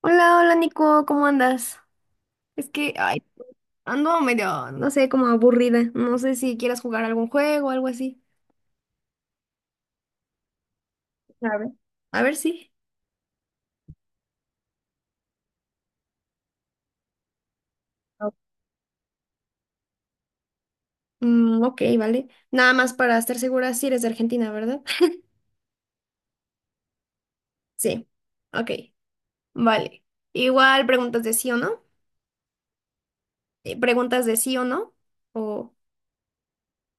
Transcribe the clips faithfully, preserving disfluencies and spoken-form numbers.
Hola, hola Nico, ¿cómo andas? Es que, ay, ando medio, no sé, como aburrida. No sé si quieras jugar algún juego o algo así. A ver. A ver sí. Ok. Mm, ok, vale. Nada más para estar segura si eres de Argentina, ¿verdad? Sí. Ok, vale. Igual preguntas de sí o no. eh, Preguntas de sí o no. O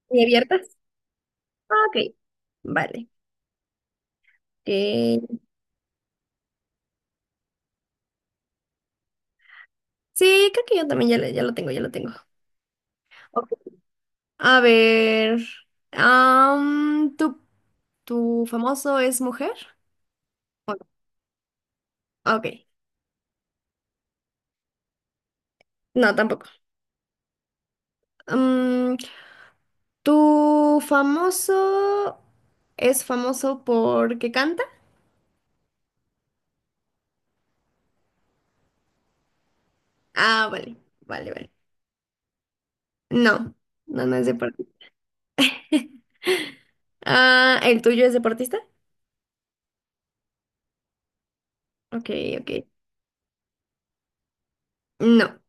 ¿y abiertas? Ah, ok, vale. Ok. Sí, creo que yo también ya, le- ya lo tengo, ya lo tengo. Ok. A ver. Am, ¿tú ¿Tu famoso es mujer? ¿O no? Ok, no, tampoco. Mm, ¿tu famoso es famoso porque canta? Ah, vale, vale, vale. No, no, no es deportista. Ah, ¿el tuyo es deportista? Ok, ok. No,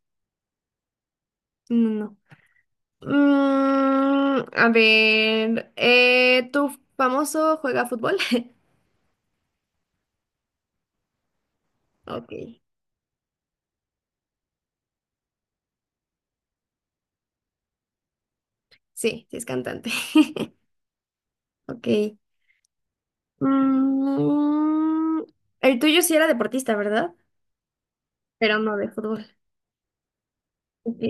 no, no. Mm, a ver, eh, ¿tu famoso juega fútbol? Ok, sí, sí es cantante. Ok. Mm, el tuyo sí era deportista, ¿verdad? Pero no de fútbol. Ok.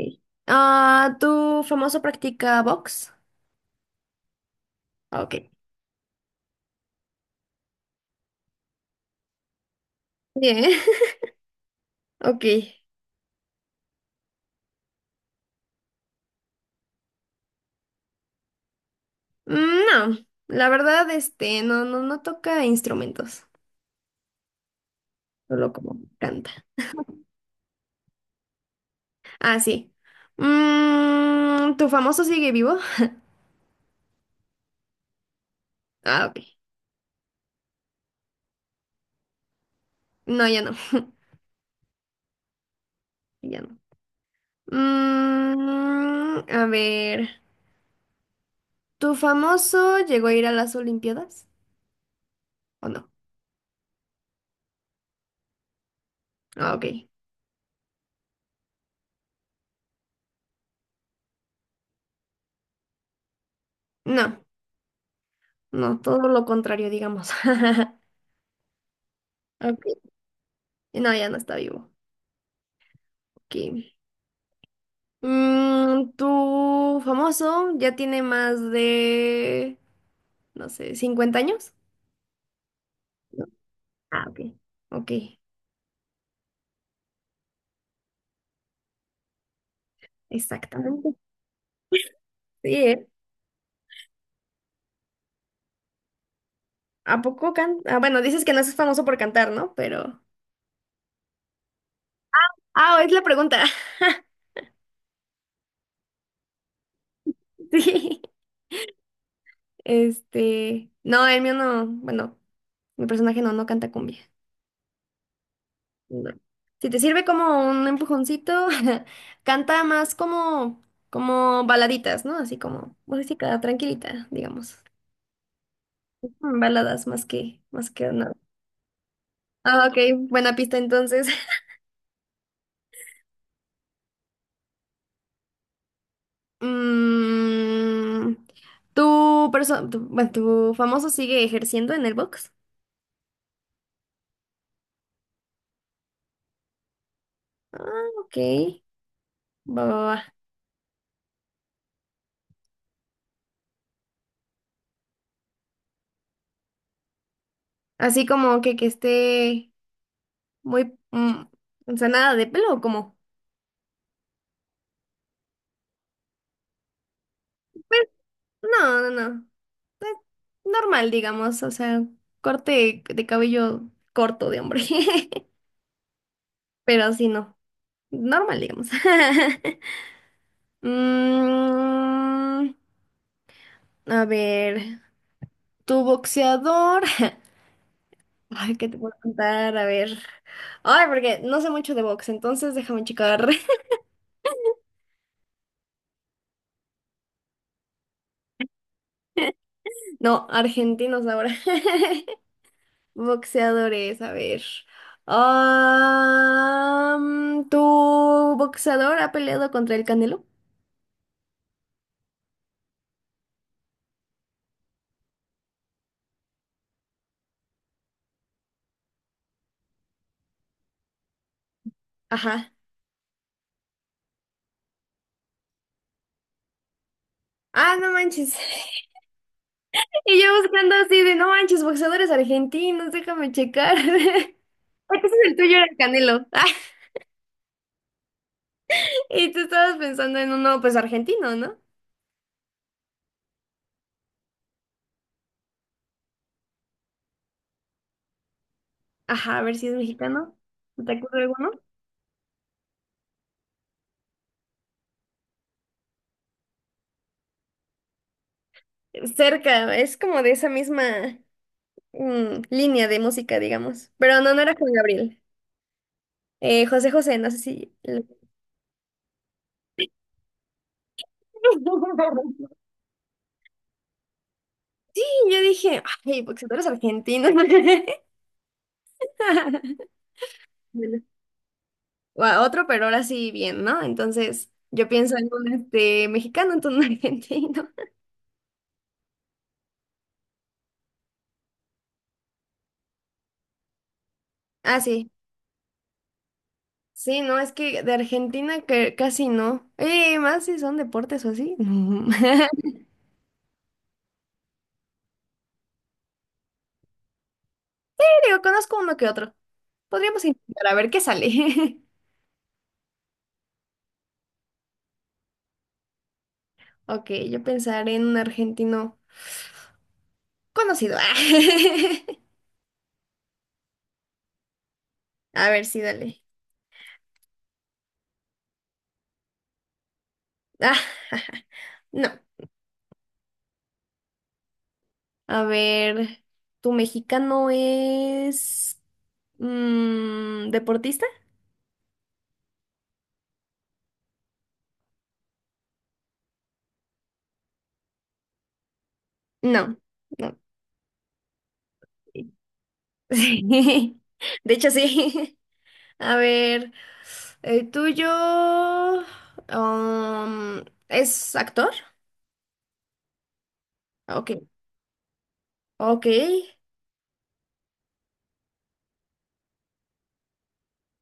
Ah, ¿tu famoso practica box? Ah, ok. Bien. Ok. Mm, no, la verdad, este, no, no, no toca instrumentos. Solo como canta. Ah, sí. Mm, ¿tu famoso sigue vivo? Ah, ok. No, ya no. Ya no. Mm, a ver. ¿Tu famoso llegó a ir a las Olimpiadas? ¿O no? Ah, ok. No, no, todo lo contrario, digamos. Ok, no, ya no está vivo. Ok. Mm, ¿tu famoso ya tiene más de, no sé, cincuenta años? No. Ah, ok. Ok, exactamente. Sí, ¿eh? ¿A poco canta? Ah, bueno, dices que no es famoso por cantar, ¿no? Pero. Ah, es la pregunta. Sí. Este. No, el mío no. Bueno, mi personaje no, no canta cumbia. No. Si te sirve como un empujoncito, canta más como, como baladitas, ¿no? Así como música tranquilita, digamos. Mm, Baladas más que, más que nada. Ah, ok, buena pista entonces. Mm, ¿tu perso- tu, bueno, tu famoso sigue ejerciendo en el box? Ok, va, va, va. Así como que, que esté muy... mm, o sea, nada de pelo, como... Pues, no, no, no. Normal, digamos, o sea, corte de cabello corto de hombre, pero sí, no, normal, digamos. Mm, a ver, tu boxeador, ay, ¿qué te puedo contar? A ver, ay, porque no sé mucho de box, entonces déjame checar. No, argentinos ahora. Boxeadores, a ver. Ah, ¿tu boxeador ha peleado contra el Canelo? Ajá. Ah, no manches. Y yo buscando así de, no manches, boxeadores argentinos, déjame checar. Entonces el tuyo era el Canelo. Y tú estabas pensando en uno, pues argentino, ¿no? Ajá, a ver si es mexicano. ¿No ¿Te acuerdas de alguno? Cerca, es como de esa misma mm, línea de música, digamos. Pero no, no era Juan Gabriel. Eh, José José, no sé si... Y yo dije, ay, boxeadores argentinos. Bueno, o a otro, pero ahora sí bien, ¿no? Entonces, yo pienso en un este, mexicano, entonces un argentino. Ah, sí. Sí, no, es que de Argentina que casi no. Eh, más si son deportes o así. No. Sí, digo, conozco uno que otro. Podríamos intentar a ver qué sale. Ok, yo pensaré en un argentino conocido. A ver, sí, dale. Ah, no. A ver, ¿tu mexicano es mm, deportista? No. No. Sí, de hecho sí. A ver, el tuyo um, ¿es actor? Ok, ok.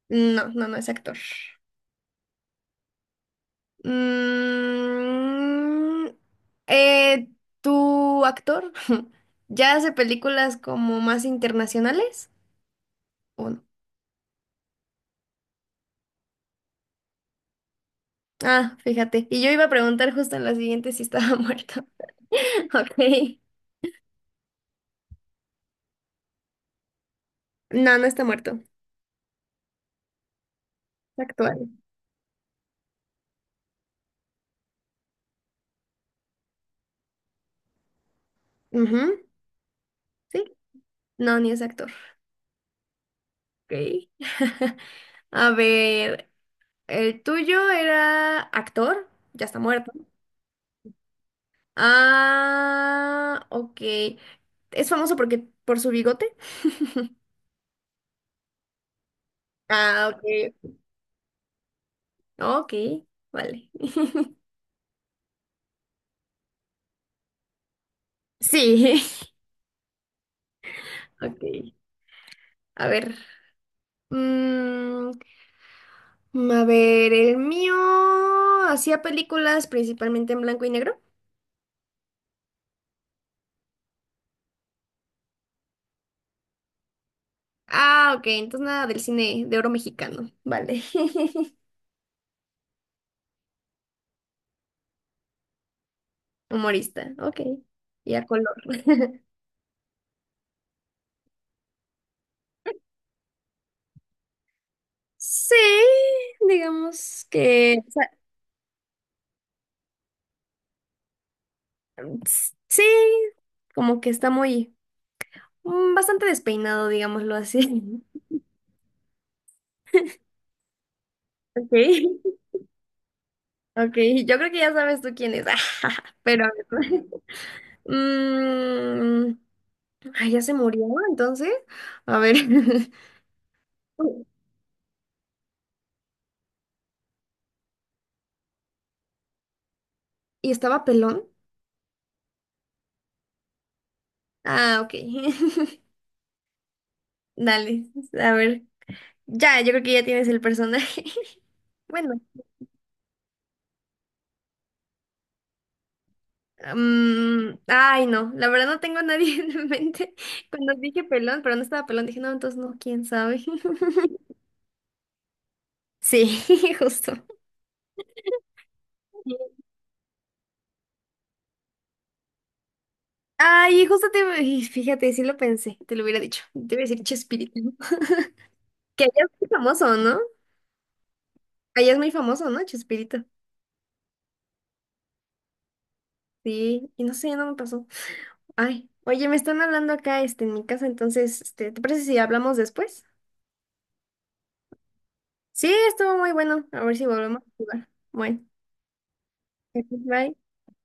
No, no, no es actor. Mm, eh, ¿tu actor ya hace películas como más internacionales? ¿O no? Ah, fíjate. Y yo iba a preguntar justo en la siguiente si estaba muerto. Ok. No, no está muerto. Está actual. Ujú, sí. No, ni es actor. Ok. A ver, el tuyo era actor, ya está muerto. Ah, ok. ¿Es famoso porque por su bigote? Ah, ok. Ok, vale. Sí. Ok. A ver. Mm, a ver, el mío hacía películas principalmente en blanco y negro. Ah, ok, entonces nada del cine de oro mexicano. Vale. Humorista, ok. Y a color. Sí, digamos que, o sea, s- sí, como que está muy, mm, bastante despeinado, digámoslo así. Ok, ok, yo creo que ya sabes tú quién es, pero a ver. Mm, ay, ya se murió, entonces, a ver. ¿Y estaba pelón? Ah, ok. Dale, a ver. Ya, yo creo que ya tienes el personaje. Bueno. Mm, ay, no, la verdad no tengo a nadie en mente. Cuando dije pelón, pero no estaba pelón, dije, no, entonces no, quién sabe. Sí, justo. Ay, justo te, y fíjate, sí lo pensé, te lo hubiera dicho. Te iba a decir Chespirito. ¿No? Que allá es muy famoso, ¿no? Allá es muy famoso, ¿no? Chespirito. Sí, y no sé, no me pasó. Ay, oye, me están hablando acá, este, en mi casa, entonces, este, ¿te parece si hablamos después? Sí, estuvo muy bueno. A ver si volvemos a jugar. Bueno, bye.